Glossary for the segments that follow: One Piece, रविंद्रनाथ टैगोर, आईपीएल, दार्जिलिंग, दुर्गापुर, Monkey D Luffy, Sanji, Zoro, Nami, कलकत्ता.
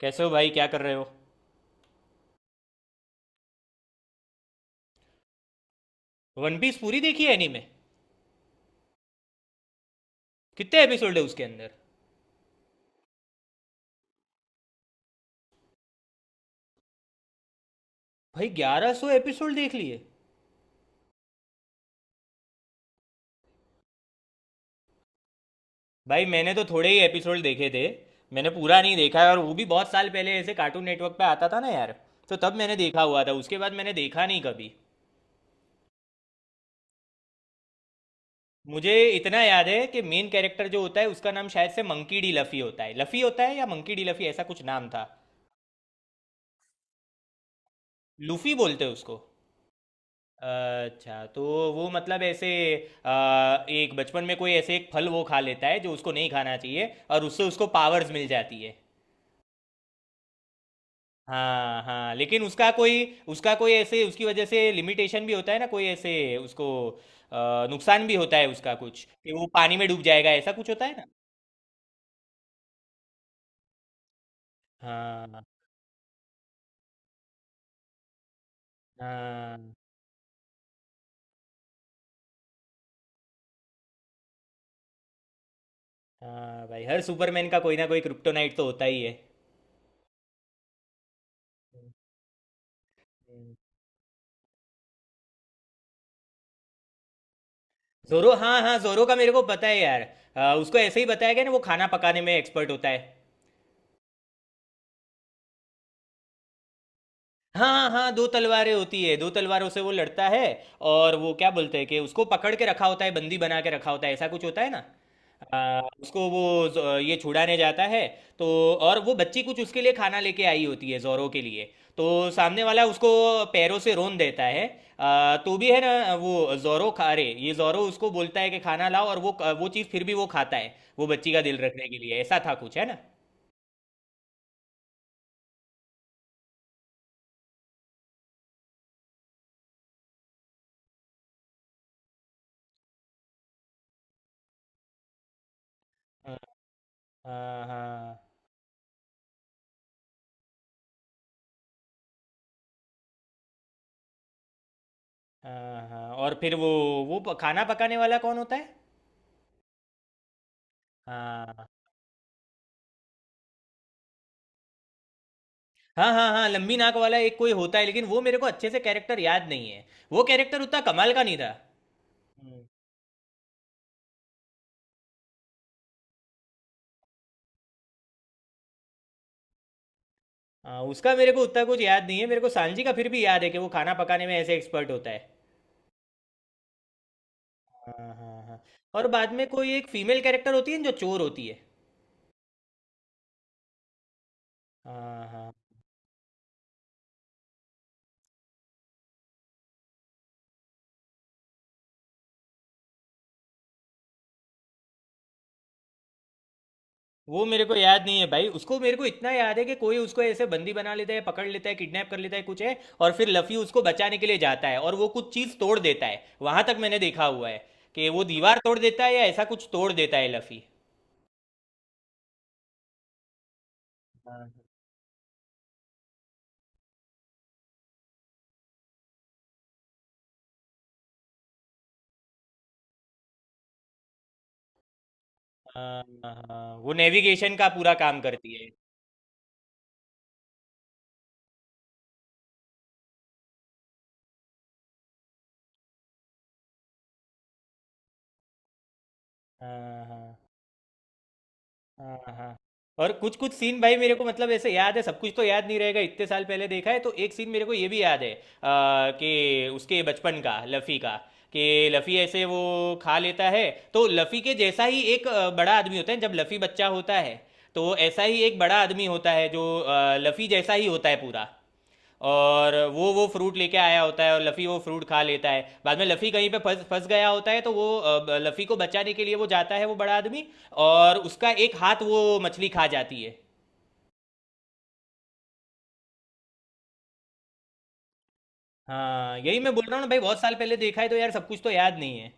कैसे हो भाई? क्या कर रहे हो? वन पीस पूरी देखी है एनीमे? कितने एपिसोड है उसके अंदर? भाई, 1100 एपिसोड देख लिए? भाई, मैंने तो थोड़े ही एपिसोड देखे थे। मैंने पूरा नहीं देखा है, और वो भी बहुत साल पहले ऐसे कार्टून नेटवर्क पे आता था ना यार। तो तब मैंने देखा हुआ था, उसके बाद मैंने देखा नहीं कभी। मुझे इतना याद है कि मेन कैरेक्टर जो होता है उसका नाम शायद से मंकी डी लफी होता है। लफी होता है या मंकी डी लफी, ऐसा कुछ नाम था। लूफी बोलते हैं उसको? अच्छा। तो वो मतलब ऐसे एक बचपन में कोई ऐसे एक फल वो खा लेता है जो उसको नहीं खाना चाहिए, और उससे उसको पावर्स मिल जाती है। हाँ, हाँ। लेकिन उसका कोई ऐसे उसकी वजह से लिमिटेशन भी होता है ना, कोई ऐसे उसको नुकसान भी होता है उसका कुछ, कि वो पानी में डूब जाएगा, ऐसा कुछ होता है ना? हाँ, हाँ। हाँ भाई, हर सुपरमैन का कोई ना कोई क्रिप्टोनाइट तो होता ही है। हम्म। जोरो, हाँ हाँ, जोरो का मेरे को पता है यार। उसको ऐसे ही बताया गया ना, वो खाना पकाने में एक्सपर्ट होता है? हाँ, हाँ। दो तलवारें होती है, दो तलवारों से वो लड़ता है। और वो क्या बोलते हैं कि उसको पकड़ के रखा होता है, बंदी बना के रखा होता है, ऐसा कुछ होता है ना? उसको वो ये छुड़ाने जाता है तो। और वो बच्ची कुछ उसके लिए खाना लेके आई होती है, जोरो के लिए। तो सामने वाला उसको पैरों से रोन देता है। तो भी है ना, वो जोरो खा रहे, ये जोरो उसको बोलता है कि खाना लाओ, और वो चीज़ फिर भी वो खाता है, वो बच्ची का दिल रखने के लिए, ऐसा था कुछ, है ना? हाँ, हाँ, हाँ। हाँ, हाँ। और फिर खाना पकाने वाला कौन होता है? हाँ, हाँ, हाँ। हाँ, लंबी नाक वाला एक कोई होता है, लेकिन वो मेरे को अच्छे से कैरेक्टर याद नहीं है। वो कैरेक्टर उतना कमाल का नहीं था। हम्म। हाँ, उसका मेरे को उतना कुछ याद नहीं है। मेरे को सांजी का फिर भी याद है कि वो खाना पकाने में ऐसे एक्सपर्ट होता है। हाँ, हाँ, हाँ। और बाद में कोई एक फीमेल कैरेक्टर होती है ना, जो चोर होती है? हाँ, हाँ। वो मेरे को याद नहीं है भाई, उसको मेरे को इतना याद है कि कोई उसको ऐसे बंदी बना लेता है, पकड़ लेता है, किडनैप कर लेता है, कुछ है। और फिर लफी उसको बचाने के लिए जाता है और वो कुछ चीज़ तोड़ देता है, वहां तक मैंने देखा हुआ है। कि वो दीवार तोड़ देता है या ऐसा कुछ तोड़ देता है लफी। हाँ, हाँ, हाँ, हाँ, वो नेविगेशन का पूरा काम करती है। हाँ, हाँ, हाँ, हाँ। और कुछ कुछ सीन भाई मेरे को मतलब ऐसे याद है, सब कुछ तो याद नहीं रहेगा, इतने साल पहले देखा है। तो एक सीन मेरे को ये भी याद है कि उसके बचपन का, लफ़ी का, कि लफ़ी ऐसे वो खा लेता है। तो लफ़ी के जैसा ही एक बड़ा आदमी होता है, जब लफ़ी बच्चा होता है। तो ऐसा ही एक बड़ा आदमी होता है जो लफ़ी जैसा ही होता है पूरा। और वो फ्रूट लेके आया होता है, और लफ़ी वो फ्रूट खा लेता है। बाद में लफ़ी कहीं पे फंस फंस गया होता है, तो वो लफ़ी को बचाने के लिए वो जाता है, वो बड़ा आदमी। और उसका एक हाथ वो मछली खा जाती है। हाँ, यही मैं बोल रहा हूँ ना भाई, बहुत साल पहले देखा है तो यार सब कुछ तो याद नहीं है।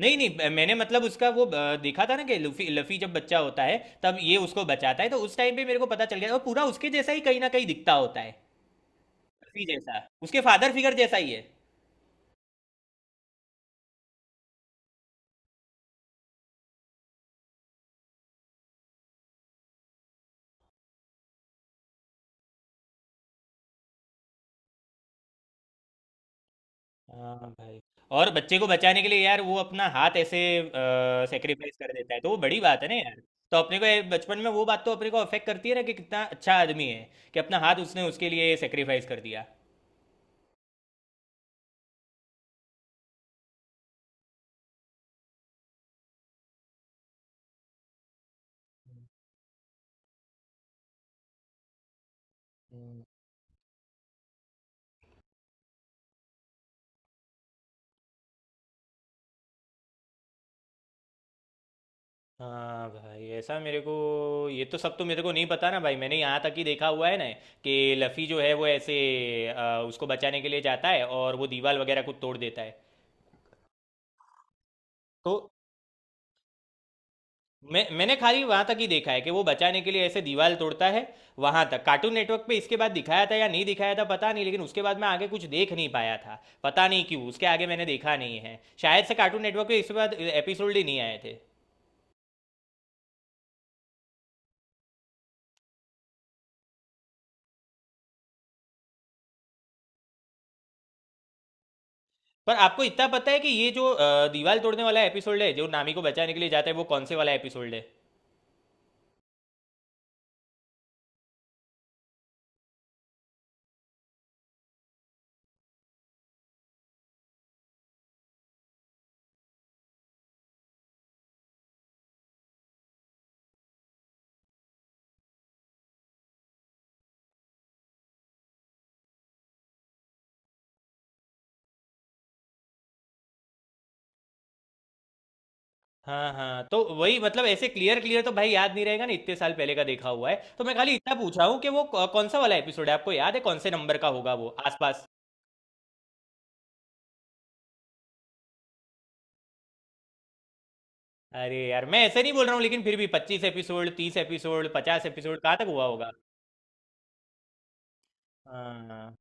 नहीं, नहीं, मैंने मतलब उसका वो देखा था ना, कि लफ़ी लफ़ी जब बच्चा होता है तब ये उसको बचाता है। तो उस टाइम पे मेरे को पता चल गया वो पूरा उसके जैसा ही कहीं ना कहीं दिखता होता है, लफ़ी जैसा, उसके फादर फिगर जैसा ही है। हाँ भाई, और बच्चे को बचाने के लिए यार वो अपना हाथ ऐसे सेक्रीफाइस कर देता है, तो वो बड़ी बात है ना यार। तो अपने को ये बचपन में, वो बात तो अपने को अफेक्ट करती है ना, कि कितना अच्छा आदमी है कि अपना हाथ उसने उसके लिए सेक्रीफाइस कर दिया। हम्म। हाँ भाई, ऐसा मेरे को, ये तो सब तो मेरे को नहीं पता ना भाई, मैंने यहाँ तक ही देखा हुआ है ना, कि लफ़ी जो है वो ऐसे उसको बचाने के लिए जाता है और वो दीवार वगैरह को तोड़ देता है। तो मैंने खाली वहां तक ही देखा है कि वो बचाने के लिए ऐसे दीवार तोड़ता है। वहां तक कार्टून नेटवर्क पे इसके बाद दिखाया था या नहीं दिखाया था, पता नहीं, लेकिन उसके बाद मैं आगे कुछ देख नहीं पाया था। पता नहीं क्यों उसके आगे मैंने देखा नहीं है, शायद से कार्टून नेटवर्क पे इसके बाद एपिसोड ही नहीं आए थे। पर आपको इतना पता है कि ये जो दीवार तोड़ने वाला एपिसोड है जो नामी को बचाने के लिए जाता है, वो कौन से वाला एपिसोड है? हाँ, हाँ। तो वही मतलब ऐसे क्लियर क्लियर तो भाई याद नहीं रहेगा ना, इतने साल पहले का देखा हुआ है। तो मैं खाली इतना पूछा हूँ कि वो कौन सा वाला एपिसोड है, आपको याद है कौन से नंबर का होगा वो आसपास? अरे यार, मैं ऐसे नहीं बोल रहा हूँ, लेकिन फिर भी 25 एपिसोड, 30 एपिसोड, 50 एपिसोड, कहाँ तक हुआ होगा? हाँ,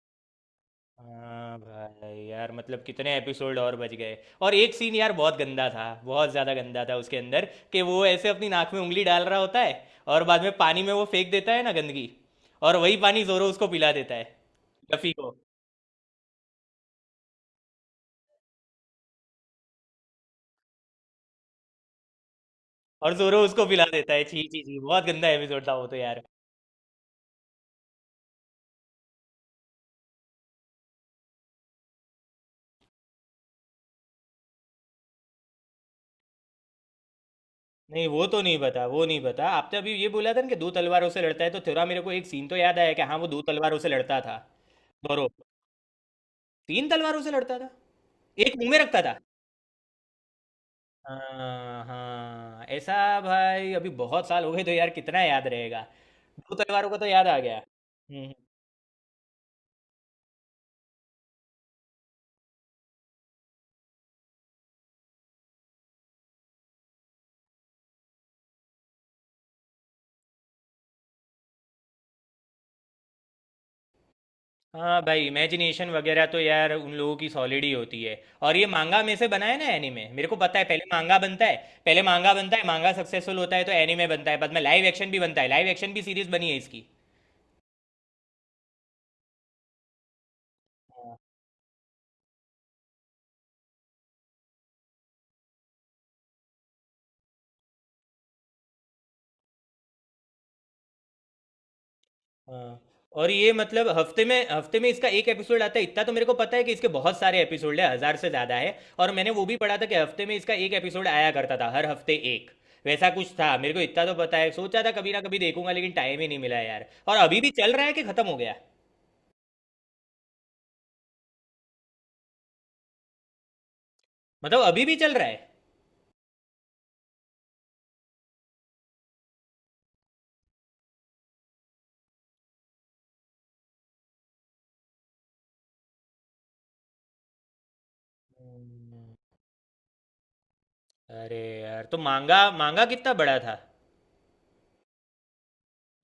हाँ। भाई यार, मतलब कितने एपिसोड और बच गए। और एक सीन यार बहुत गंदा था, बहुत ज़्यादा गंदा था उसके अंदर, कि वो ऐसे अपनी नाक में उंगली डाल रहा होता है, और बाद में पानी में वो फेंक देता है ना गंदगी, और वही पानी जोरो उसको पिला देता है, रफी को। और जोरो उसको पिला देता है, छी छी छी, बहुत गंदा एपिसोड था वो तो यार। नहीं, वो तो नहीं बता, वो नहीं बता, आपने अभी ये बोला था ना कि दो तलवारों से लड़ता है, तो थोड़ा मेरे को एक सीन तो याद आया कि हाँ वो दो तलवारों से लड़ता था। दोरो तीन तलवारों से लड़ता था, एक मुंह में रखता था। हाँ, हाँ, ऐसा। भाई, अभी बहुत साल हो गए तो यार कितना याद रहेगा? दो तलवारों का तो याद आ गया। हम्म, हाँ भाई, इमेजिनेशन वगैरह तो यार उन लोगों की सॉलिड ही होती है। और ये मांगा में से बना है ना एनीमे, मेरे को पता है, पहले मांगा बनता है। पहले मांगा बनता है, मांगा सक्सेसफुल होता है तो एनीमे बनता है, बाद में लाइव एक्शन भी बनता है। लाइव एक्शन भी सीरीज बनी है इसकी। हाँ। और ये मतलब हफ्ते में, हफ्ते में इसका एक एपिसोड आता है, इतना तो मेरे को पता है कि इसके बहुत सारे एपिसोड है, हजार से ज्यादा है। और मैंने वो भी पढ़ा था कि हफ्ते में इसका एक एपिसोड आया करता था, हर हफ्ते एक, वैसा कुछ था, मेरे को इतना तो पता है। सोचा था कभी ना कभी देखूंगा, लेकिन टाइम ही नहीं मिला यार। और अभी भी चल रहा है कि खत्म हो गया? मतलब अभी भी चल रहा है? अरे यार, तो मांगा मांगा कितना बड़ा था?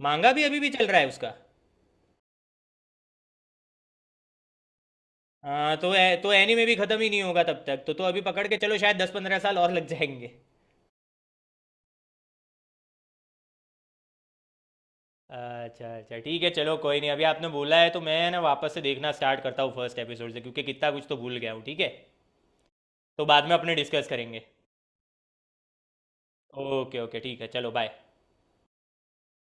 मांगा भी अभी भी चल रहा है उसका? हाँ। तो तो एनीमे भी खत्म ही नहीं होगा तब तक। तो अभी पकड़ के चलो शायद 10-15 साल और लग जाएंगे। अच्छा, अच्छा, ठीक है। चलो कोई नहीं, अभी आपने बोला है तो मैं ना वापस से देखना स्टार्ट करता हूँ फर्स्ट एपिसोड से, क्योंकि कितना कुछ तो भूल गया हूँ, ठीक है? तो बाद में अपने डिस्कस करेंगे। ओके, ओके, ठीक है, चलो बाय।